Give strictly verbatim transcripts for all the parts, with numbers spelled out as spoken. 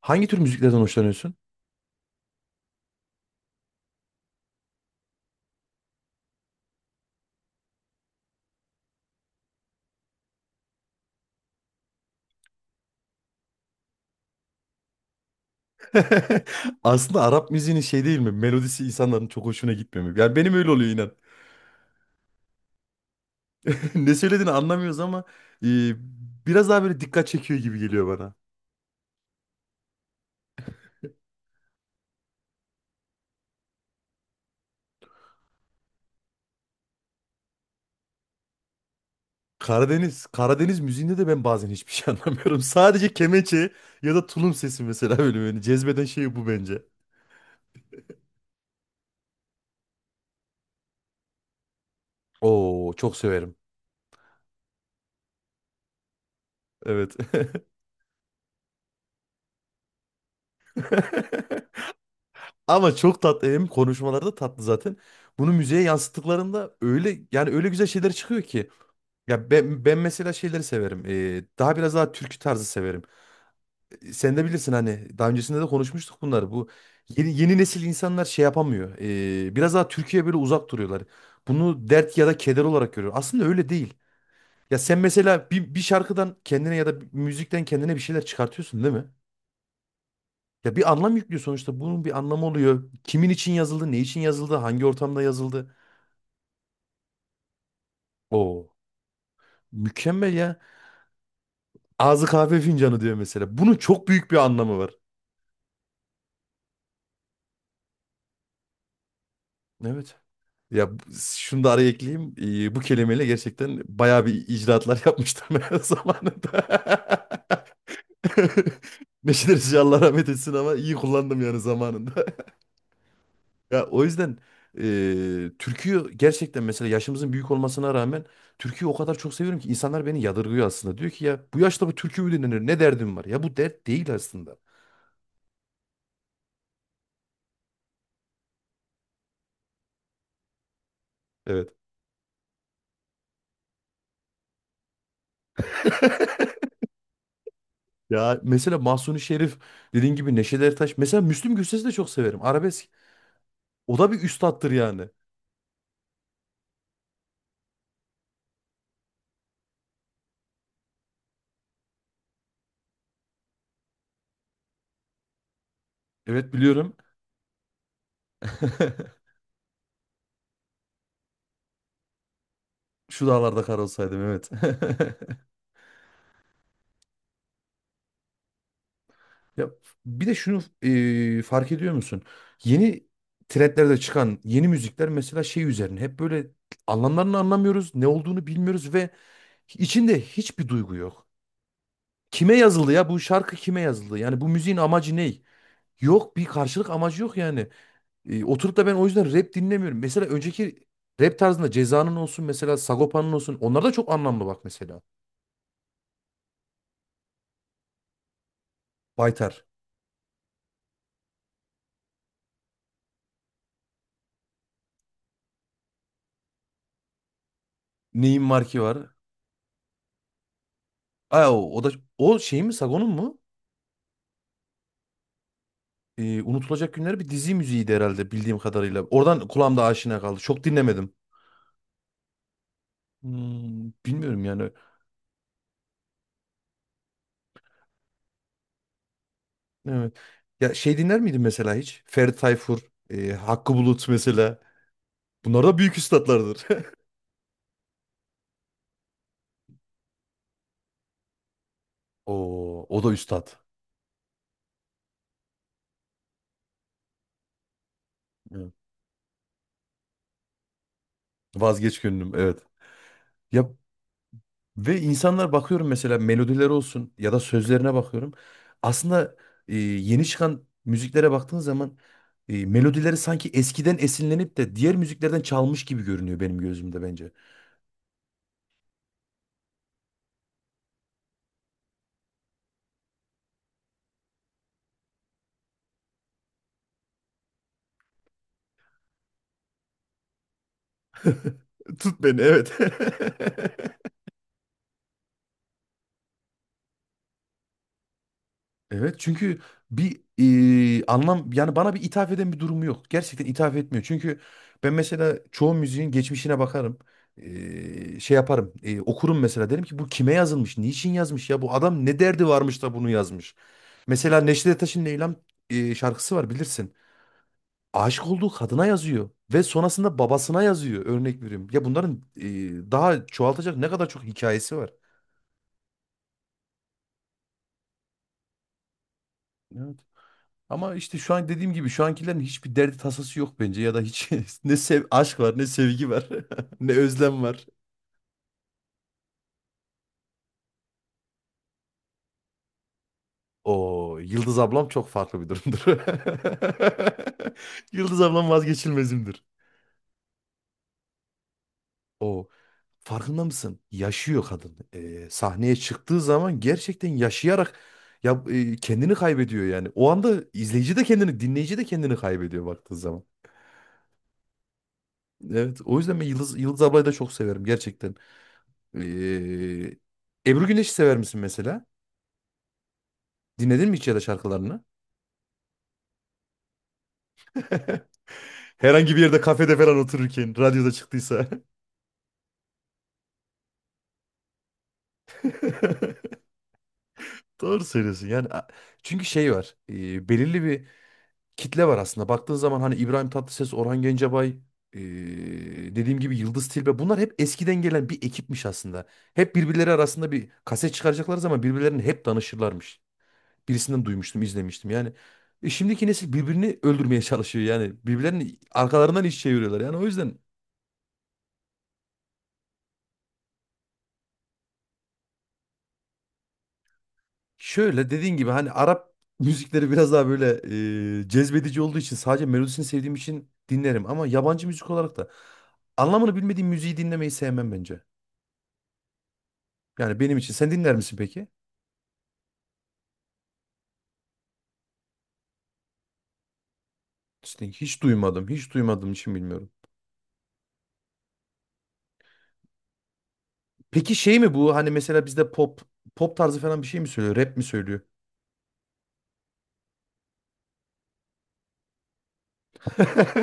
Hangi tür müziklerden hoşlanıyorsun? Aslında Arap müziğinin şey değil mi? Melodisi insanların çok hoşuna gitmiyor mu? Yani benim öyle oluyor inan. Ne söylediğini anlamıyoruz ama e, biraz daha böyle dikkat çekiyor gibi geliyor bana. Karadeniz, Karadeniz müziğinde de ben bazen hiçbir şey anlamıyorum. Sadece kemençe ya da tulum sesi mesela böyle beni cezbeden şey bu bence. Oo, çok severim. Evet. Ama çok tatlı, hem konuşmaları da tatlı zaten. Bunu müziğe yansıttıklarında öyle, yani öyle güzel şeyler çıkıyor ki. Ya ben, ben mesela şeyleri severim. Ee, daha biraz daha türkü tarzı severim. Ee, Sen de bilirsin, hani daha öncesinde de konuşmuştuk bunları. Bu yeni, yeni nesil insanlar şey yapamıyor. Ee, biraz daha Türkiye'ye böyle uzak duruyorlar. Bunu dert ya da keder olarak görüyor. Aslında öyle değil. Ya sen mesela bir, bir şarkıdan kendine ya da bir müzikten kendine bir şeyler çıkartıyorsun değil mi? Ya bir anlam yüklüyor sonuçta. Bunun bir anlamı oluyor. Kimin için yazıldı, ne için yazıldı, hangi ortamda yazıldı. Oo, mükemmel ya. Ağzı kahve fincanı diyor mesela. Bunun çok büyük bir anlamı var. Evet. Ya bu- şunu da araya ekleyeyim. Ee, bu kelimeyle gerçekten bayağı bir icraatlar yapmışlar zamanında. Neşet Ertaş'ı Allah rahmet etsin, ama iyi kullandım yani zamanında. Ya o yüzden e, türküyü gerçekten, mesela yaşımızın büyük olmasına rağmen türküyü o kadar çok seviyorum ki insanlar beni yadırgıyor aslında. Diyor ki ya bu yaşta bu türkü mü dinlenir? Ne derdim var? Ya bu dert değil aslında. Evet. Ya mesela Mahsuni Şerif, dediğin gibi Neşet Ertaş. Mesela Müslüm Gürses'i de çok severim. Arabesk. O da bir üstattır yani. Evet, biliyorum. Şu dağlarda kar olsaydım, evet. Ya bir de şunu e, fark ediyor musun? Yeni trendlerde çıkan yeni müzikler mesela şey üzerine, hep böyle anlamlarını anlamıyoruz, ne olduğunu bilmiyoruz ve içinde hiçbir duygu yok. Kime yazıldı ya, bu şarkı kime yazıldı? Yani bu müziğin amacı ne? Yok, bir karşılık amacı yok yani. E, oturup da ben o yüzden rap dinlemiyorum. Mesela önceki rap tarzında Ceza'nın olsun, mesela Sagopa'nın olsun, onlar da çok anlamlı bak mesela. Baytar. Neyin marki var? Aa, o, o da o şey mi, Sagon'un mu? Ee, Unutulacak Günler bir dizi müziğiydi herhalde, bildiğim kadarıyla. Oradan kulağımda aşina kaldı. Çok dinlemedim. Hmm, bilmiyorum yani. Evet. Ya şey, dinler miydin mesela hiç? Ferdi Tayfur, e, Hakkı Bulut mesela. Bunlar da büyük üstatlardır. Oo, o da üstad. Evet. Vazgeç gönlüm, evet. Ya, ve insanlar bakıyorum mesela, melodiler olsun ya da sözlerine bakıyorum. Aslında e, yeni çıkan müziklere baktığın zaman e, melodileri sanki eskiden esinlenip de diğer müziklerden çalmış gibi görünüyor benim gözümde, bence. Tut beni, evet. Evet, çünkü bir e, anlam yani bana bir ithaf eden bir durumu yok. Gerçekten ithaf etmiyor. Çünkü ben mesela çoğu müziğin geçmişine bakarım. E, şey yaparım. E, okurum mesela, derim ki bu kime yazılmış? Niçin yazmış ya? Bu adam ne derdi varmış da bunu yazmış? Mesela Neşet Ertaş'ın Leyla'm e, şarkısı var, bilirsin. Aşık olduğu kadına yazıyor ve sonrasında babasına yazıyor, örnek veriyorum. Ya bunların, e, daha çoğaltacak ne kadar çok hikayesi var. Evet. Ama işte şu an dediğim gibi şu ankilerin hiçbir derdi tasası yok bence, ya da hiç ne sev, aşk var, ne sevgi var, ne özlem var. O Yıldız ablam çok farklı bir durumdur. Yıldız ablam vazgeçilmezimdir. O, farkında mısın? Yaşıyor kadın. Ee, sahneye çıktığı zaman gerçekten yaşayarak, ya e, kendini kaybediyor yani. O anda izleyici de kendini, dinleyici de kendini kaybediyor baktığı zaman. Evet, o yüzden ben Yıldız Yıldız ablayı da çok severim gerçekten. Ee, Ebru Güneş'i sever misin mesela? Dinledin mi hiç, ya da şarkılarını? Herhangi bir yerde, kafede falan otururken, radyoda çıktıysa. Doğru söylüyorsun yani. a- Çünkü şey var. e, belirli bir kitle var aslında. Baktığın zaman hani İbrahim Tatlıses, Orhan Gencebay, e, dediğim gibi Yıldız Tilbe. Bunlar hep eskiden gelen bir ekipmiş aslında. Hep birbirleri arasında, bir kaset çıkaracakları zaman birbirlerine hep danışırlarmış. Birisinden duymuştum, izlemiştim. Yani e, şimdiki nesil birbirini öldürmeye çalışıyor. Yani birbirlerini arkalarından iş çeviriyorlar. Yani o yüzden, şöyle dediğin gibi, hani Arap müzikleri biraz daha böyle e, cezbedici olduğu için, sadece melodisini sevdiğim için dinlerim. Ama yabancı müzik olarak da anlamını bilmediğim müziği dinlemeyi sevmem bence. Yani benim için. Sen dinler misin peki? İşte, hiç duymadım. Hiç duymadığım için bilmiyorum. Peki şey mi bu? Hani mesela bizde pop pop tarzı falan bir şey mi söylüyor? Rap mi söylüyor?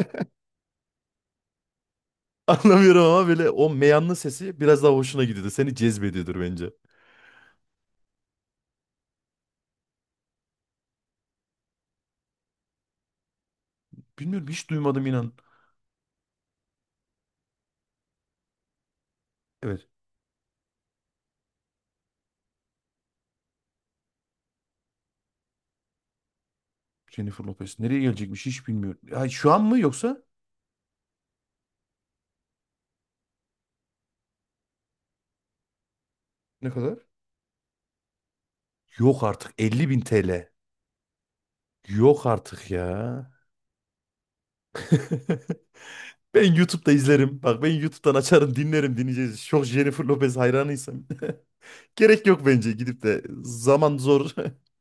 Anlamıyorum ama böyle o meyanlı sesi biraz daha hoşuna gidiyordu. Seni cezbediyordur bence. Bilmiyorum, hiç duymadım inan. Evet. Jennifer Lopez. Nereye gelecekmiş, hiç bilmiyorum. Ya şu an mı yoksa? Ne kadar? Yok artık, elli bin T L. Yok artık ya. Ben YouTube'da izlerim. Bak, ben YouTube'dan açarım, dinlerim, dinleyeceğiz. Çok Jennifer Lopez hayranıysam. Gerek yok bence gidip de. Zaman zor.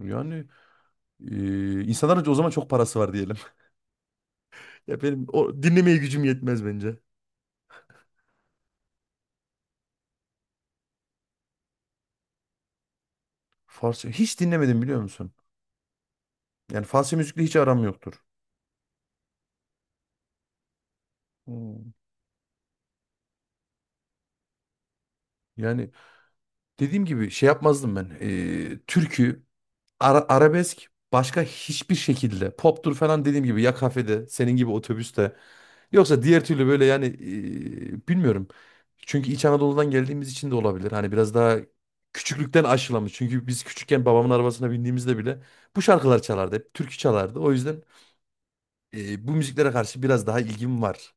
Yani e, insanların o zaman çok parası var diyelim. Ya benim o dinlemeye gücüm yetmez bence. Farsça hiç dinlemedim, biliyor musun? Yani Farsça müzikle hiç aram yoktur. Hmm. Yani dediğim gibi şey yapmazdım ben. Ee, türkü, ara- arabesk, başka hiçbir şekilde. Poptur falan, dediğim gibi ya kafede, senin gibi otobüste. Yoksa diğer türlü böyle yani, ee, bilmiyorum. Çünkü İç Anadolu'dan geldiğimiz için de olabilir. Hani biraz daha küçüklükten aşılamış. Çünkü biz küçükken babamın arabasına bindiğimizde bile bu şarkılar çalardı. Hep türkü çalardı. O yüzden ee, bu müziklere karşı biraz daha ilgim var.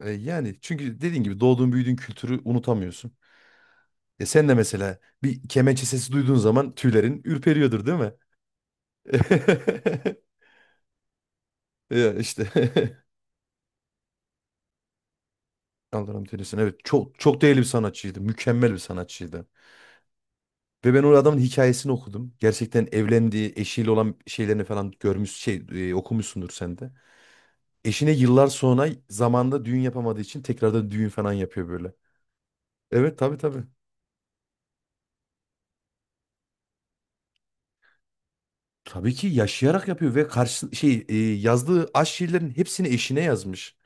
E, yani çünkü dediğin gibi doğduğun büyüdüğün kültürü unutamıyorsun. E sen de mesela bir kemençe sesi duyduğun zaman tüylerin ürperiyordur değil mi? Ya işte. Allah rahmet eylesin. Evet, çok çok değerli bir sanatçıydı. Mükemmel bir sanatçıydı. Ve ben o adamın hikayesini okudum. Gerçekten, evlendiği eşiyle olan şeylerini falan görmüş, şey e, okumuşsundur sen de. Eşine yıllar sonra, zamanda düğün yapamadığı için, tekrardan düğün falan yapıyor böyle. Evet, tabii tabii. Tabii ki yaşayarak yapıyor, ve karşı şey e, yazdığı aşk şiirlerin hepsini eşine yazmış.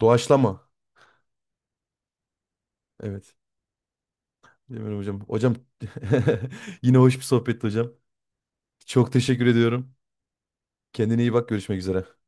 Doğaçlama. Evet. Bilmiyorum hocam. Hocam, yine hoş bir sohbetti hocam. Çok teşekkür ediyorum. Kendine iyi bak. Görüşmek üzere.